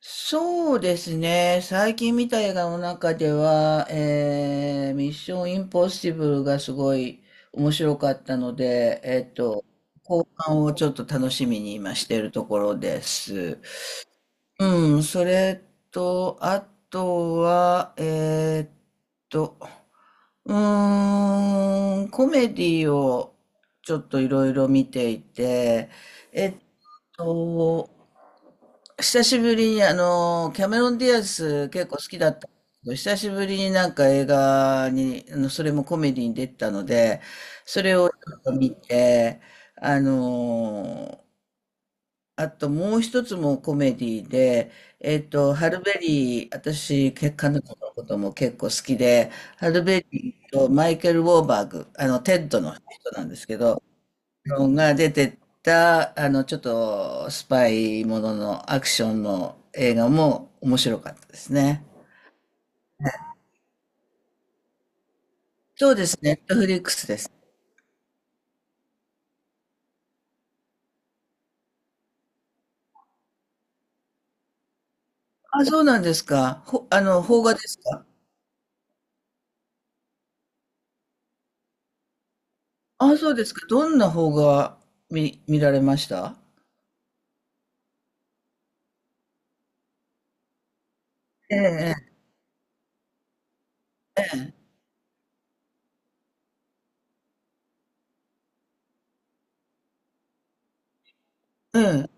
そうですね。最近見た映画の中では、ミッションインポッシブルがすごい面白かったので、後半をちょっと楽しみに今しているところです。うん、それと、あとは、と、コメディをちょっといろいろ見ていて、えっと、久しぶりにあの、キャメロン・ディアス結構好きだったんですけど、久しぶりになんか映画に、あの、それもコメディに出てたので、それをちょっと見て、あの、あともう一つもコメディで、ハルベリー、私、け彼女のことも結構好きで、ハルベリーとマイケル・ウォーバーグ、あの、テッドの人なんですけど、が出てた、あの、ちょっとスパイもののアクションの映画も面白かったですね。そうですね、ネットフリックスです。あ、そうなんですか。ほ、あの、邦画ですか？あ、そうですか。どんな邦画見、見られました？ええ、ええ、うん、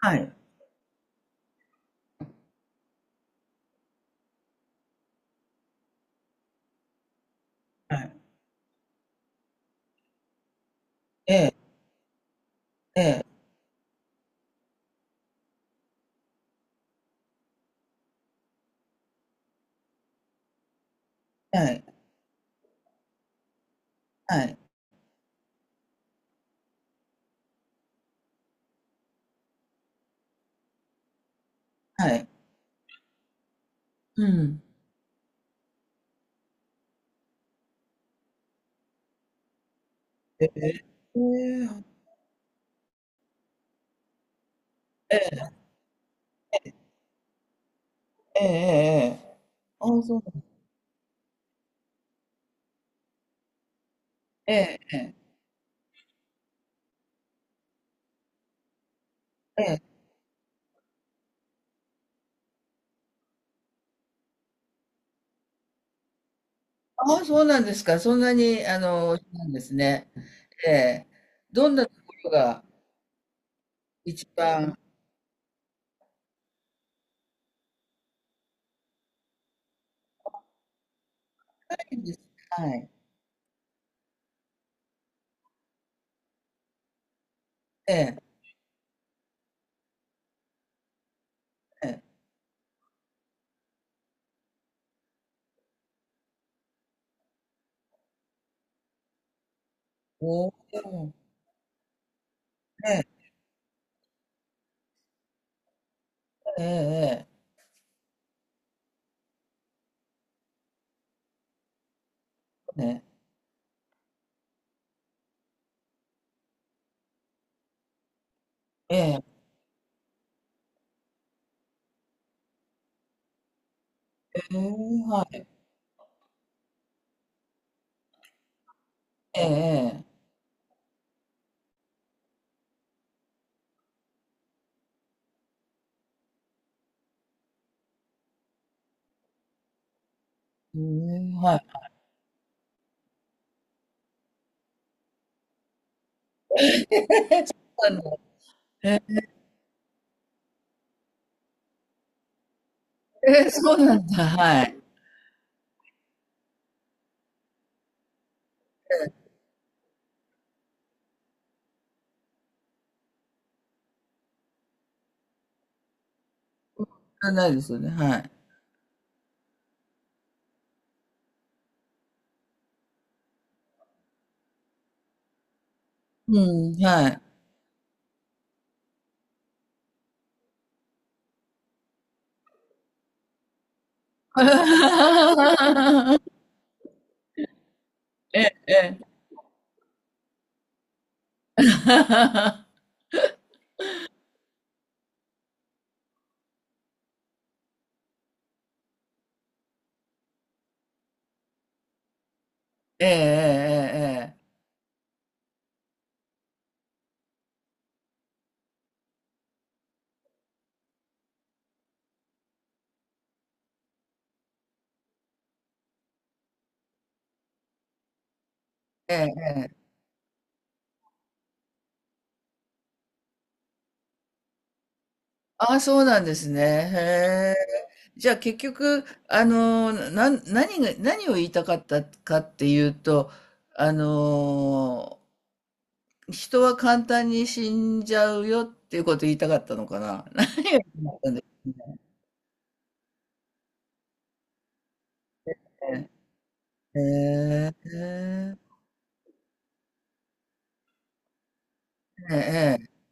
はい。はい、ええ、ええ、はい、はい、はい。うん。ええ、ええ、ええ、ええ、ああ、そうなん、ええ、ええ、ええ、ああ、そうなんですか。そんなに、あの、なんですね。ええ、どんなところが一番、はいです、はい、ええ、ええ、おお、ええ、ええ、ええ、ええ、ええ、ええ、はい、ええ、ええ、うん、はい。あの、ええ、ええ、そうなんだ、はい。ないですよね、はい。うん、はい。ええ、ええ。ええ、ええ、ええ、ええ、ええ。ああ、そうなんですね。へえ。じゃあ結局、あの、な、何が、何を言いたかったかっていうと、あの、人は簡単に死んじゃうよっていうこと言いたかったのかな。なんで？ええ、ええ、ええ、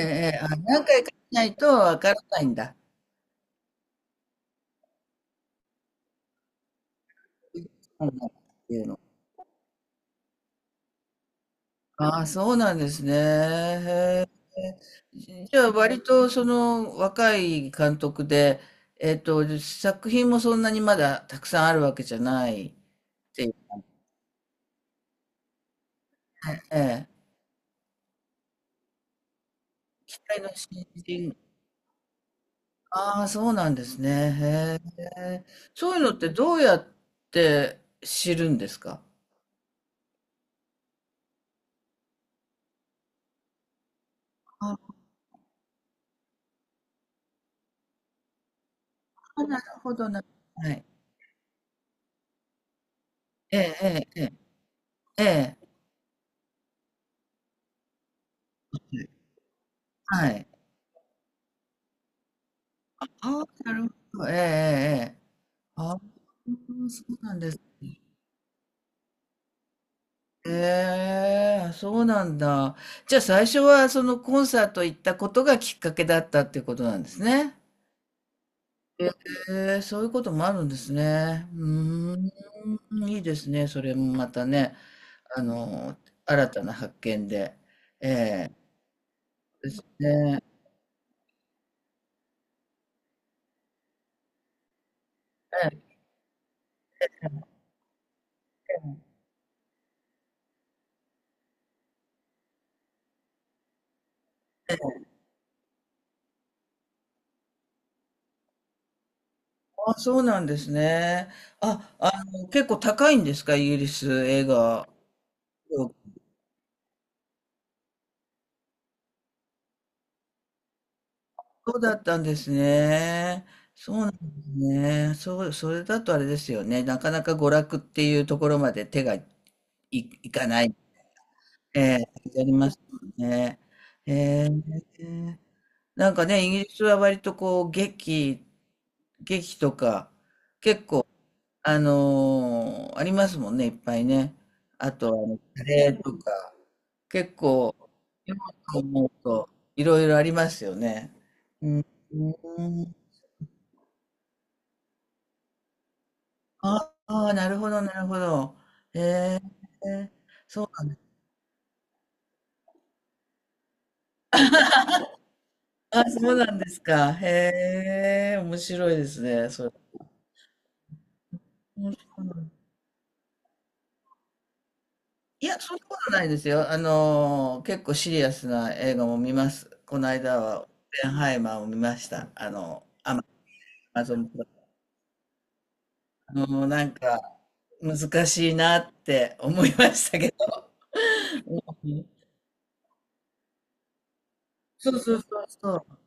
ええ、あ、何回かしないとわからないんだ。なんだっていうの。ああ、そうなんですね。へえ。じゃあ、割とその若い監督で、作品もそんなにまだたくさんあるわけじゃないっていうね、ええ、期待の新人。ああ、そうなんですね。へえ。そういうのってどうやって知るんですか？ああ、なるほどな。はい。ええ、ええ、ええ。ええ、はい。ああ、なるほど。ええ、ええ。ええ、ああ、そうなんですね。ええ、そうなんだ。じゃあ最初はそのコンサート行ったことがきっかけだったっていうことなんですね。ええ、そういうこともあるんですね。うーん、いいですね。それもまたね、あの、新たな発見で。ええ、ね、ええ、あ、そうなんですね。あ、あの、結構高いんですか、イギリス映画？そうだったんですね。そうなんですね。そう、それだとあれですよね。なかなか娯楽っていうところまで手がい、いかない。ええ、ありますよね。ええ、なんかね、イギリスは割とこう、劇、劇とか、結構、あのー、ありますもんね、いっぱいね。あと、あの、カレーとか、結構、今と思うと、いろいろありますよね。うん。ああ、なるほどなるほど。へえ。あ、そうなんですか。へえ、面白いですね、それ。うん、いや、そんなことないですよ。あのー、結構シリアスな映画も見ます。この間は、オッペンハイマーを見ました。あの、アマ、アマゾンプライム。もうなんか、難しいなって思いましたけど。うん、そうそうそうそう。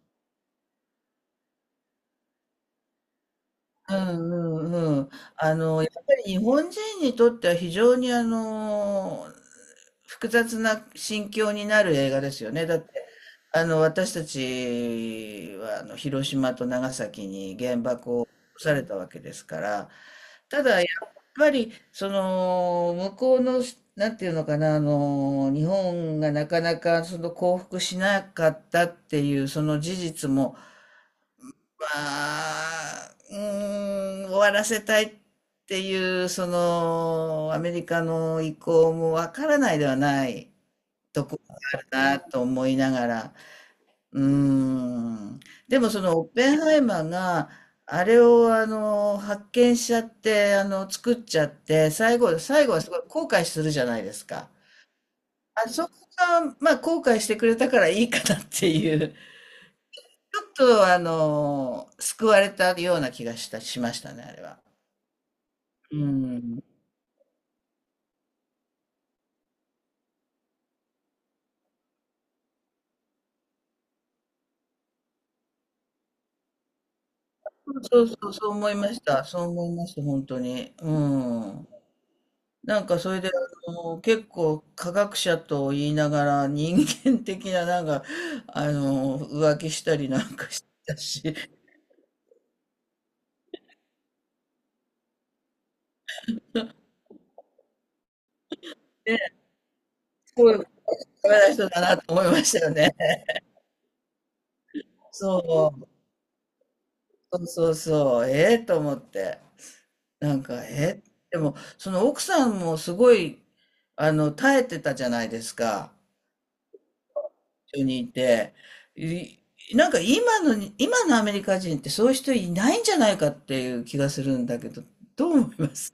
うんうんうん。あの、やっぱり日本人にとっては非常にあの、複雑な心境になる映画ですよね。だって、あの、私たちはあの広島と長崎に原爆を落とされたわけですから、ただやっぱり、その、向こうの、なんていうのかな、あの、日本がなかなかその降伏しなかったっていう、その事実も、まあ、うーん、終わらせたいっていう、その、アメリカの意向もわからないではないところがあるなと思いながら、うーん。でもそのオッペンハイマーが、あれをあの、発見しちゃって、あの、作っちゃって、最後、最後はすごい後悔するじゃないですか。あそこが、まあ、後悔してくれたからいいかなっていう。ちょっとあの、救われたような気がしたしましたね、あれは。うん。そうそうそう、思いました。そう思いました、本当に。うん。なんかそれで、あの、結構科学者と言いながら人間的ななんか、あの、浮気したりなんかしてたし、ね、すごいダメな人だなと思いましたよね。そう、そうそうそう、ええと思って。なんか、え、でも、その奥さんもすごい、あの、耐えてたじゃないですか、一緒にいて。い、なんか今のに、今のアメリカ人ってそういう人いないんじゃないかっていう気がするんだけど、どう思います？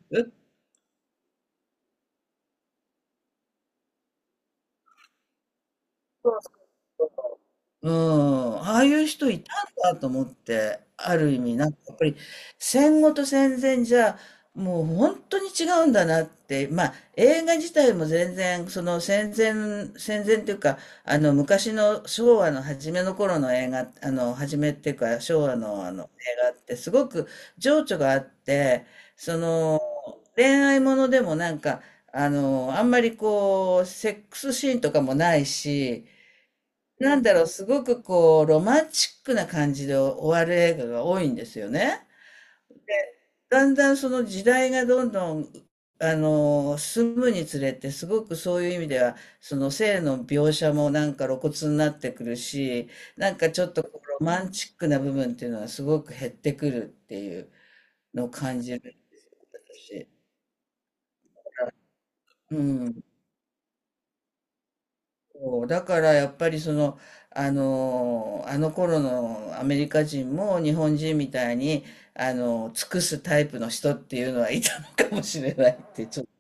うん、ああいう人いたんだと思って、ある意味なんかやっぱり戦後と戦前じゃもう本当に違うんだなって、まあ映画自体も全然その戦前、戦前っていうかあの昔の昭和の初めの頃の映画、あの初めっていうか昭和のあの映画ってすごく情緒があって、その恋愛ものでもなんかあのあんまりこうセックスシーンとかもないし、なんだろう、すごくこう、ロマンチックな感じで終わる映画が多いんですよね。だんだんその時代がどんどん、あの、進むにつれて、すごくそういう意味では、その性の描写もなんか露骨になってくるし、なんかちょっとこうロマンチックな部分っていうのはすごく減ってくるっていうのを感じるし。うん。そうだからやっぱりその、あの、あの頃のアメリカ人も日本人みたいに、あの、尽くすタイプの人っていうのはいたのかもしれないってちょっと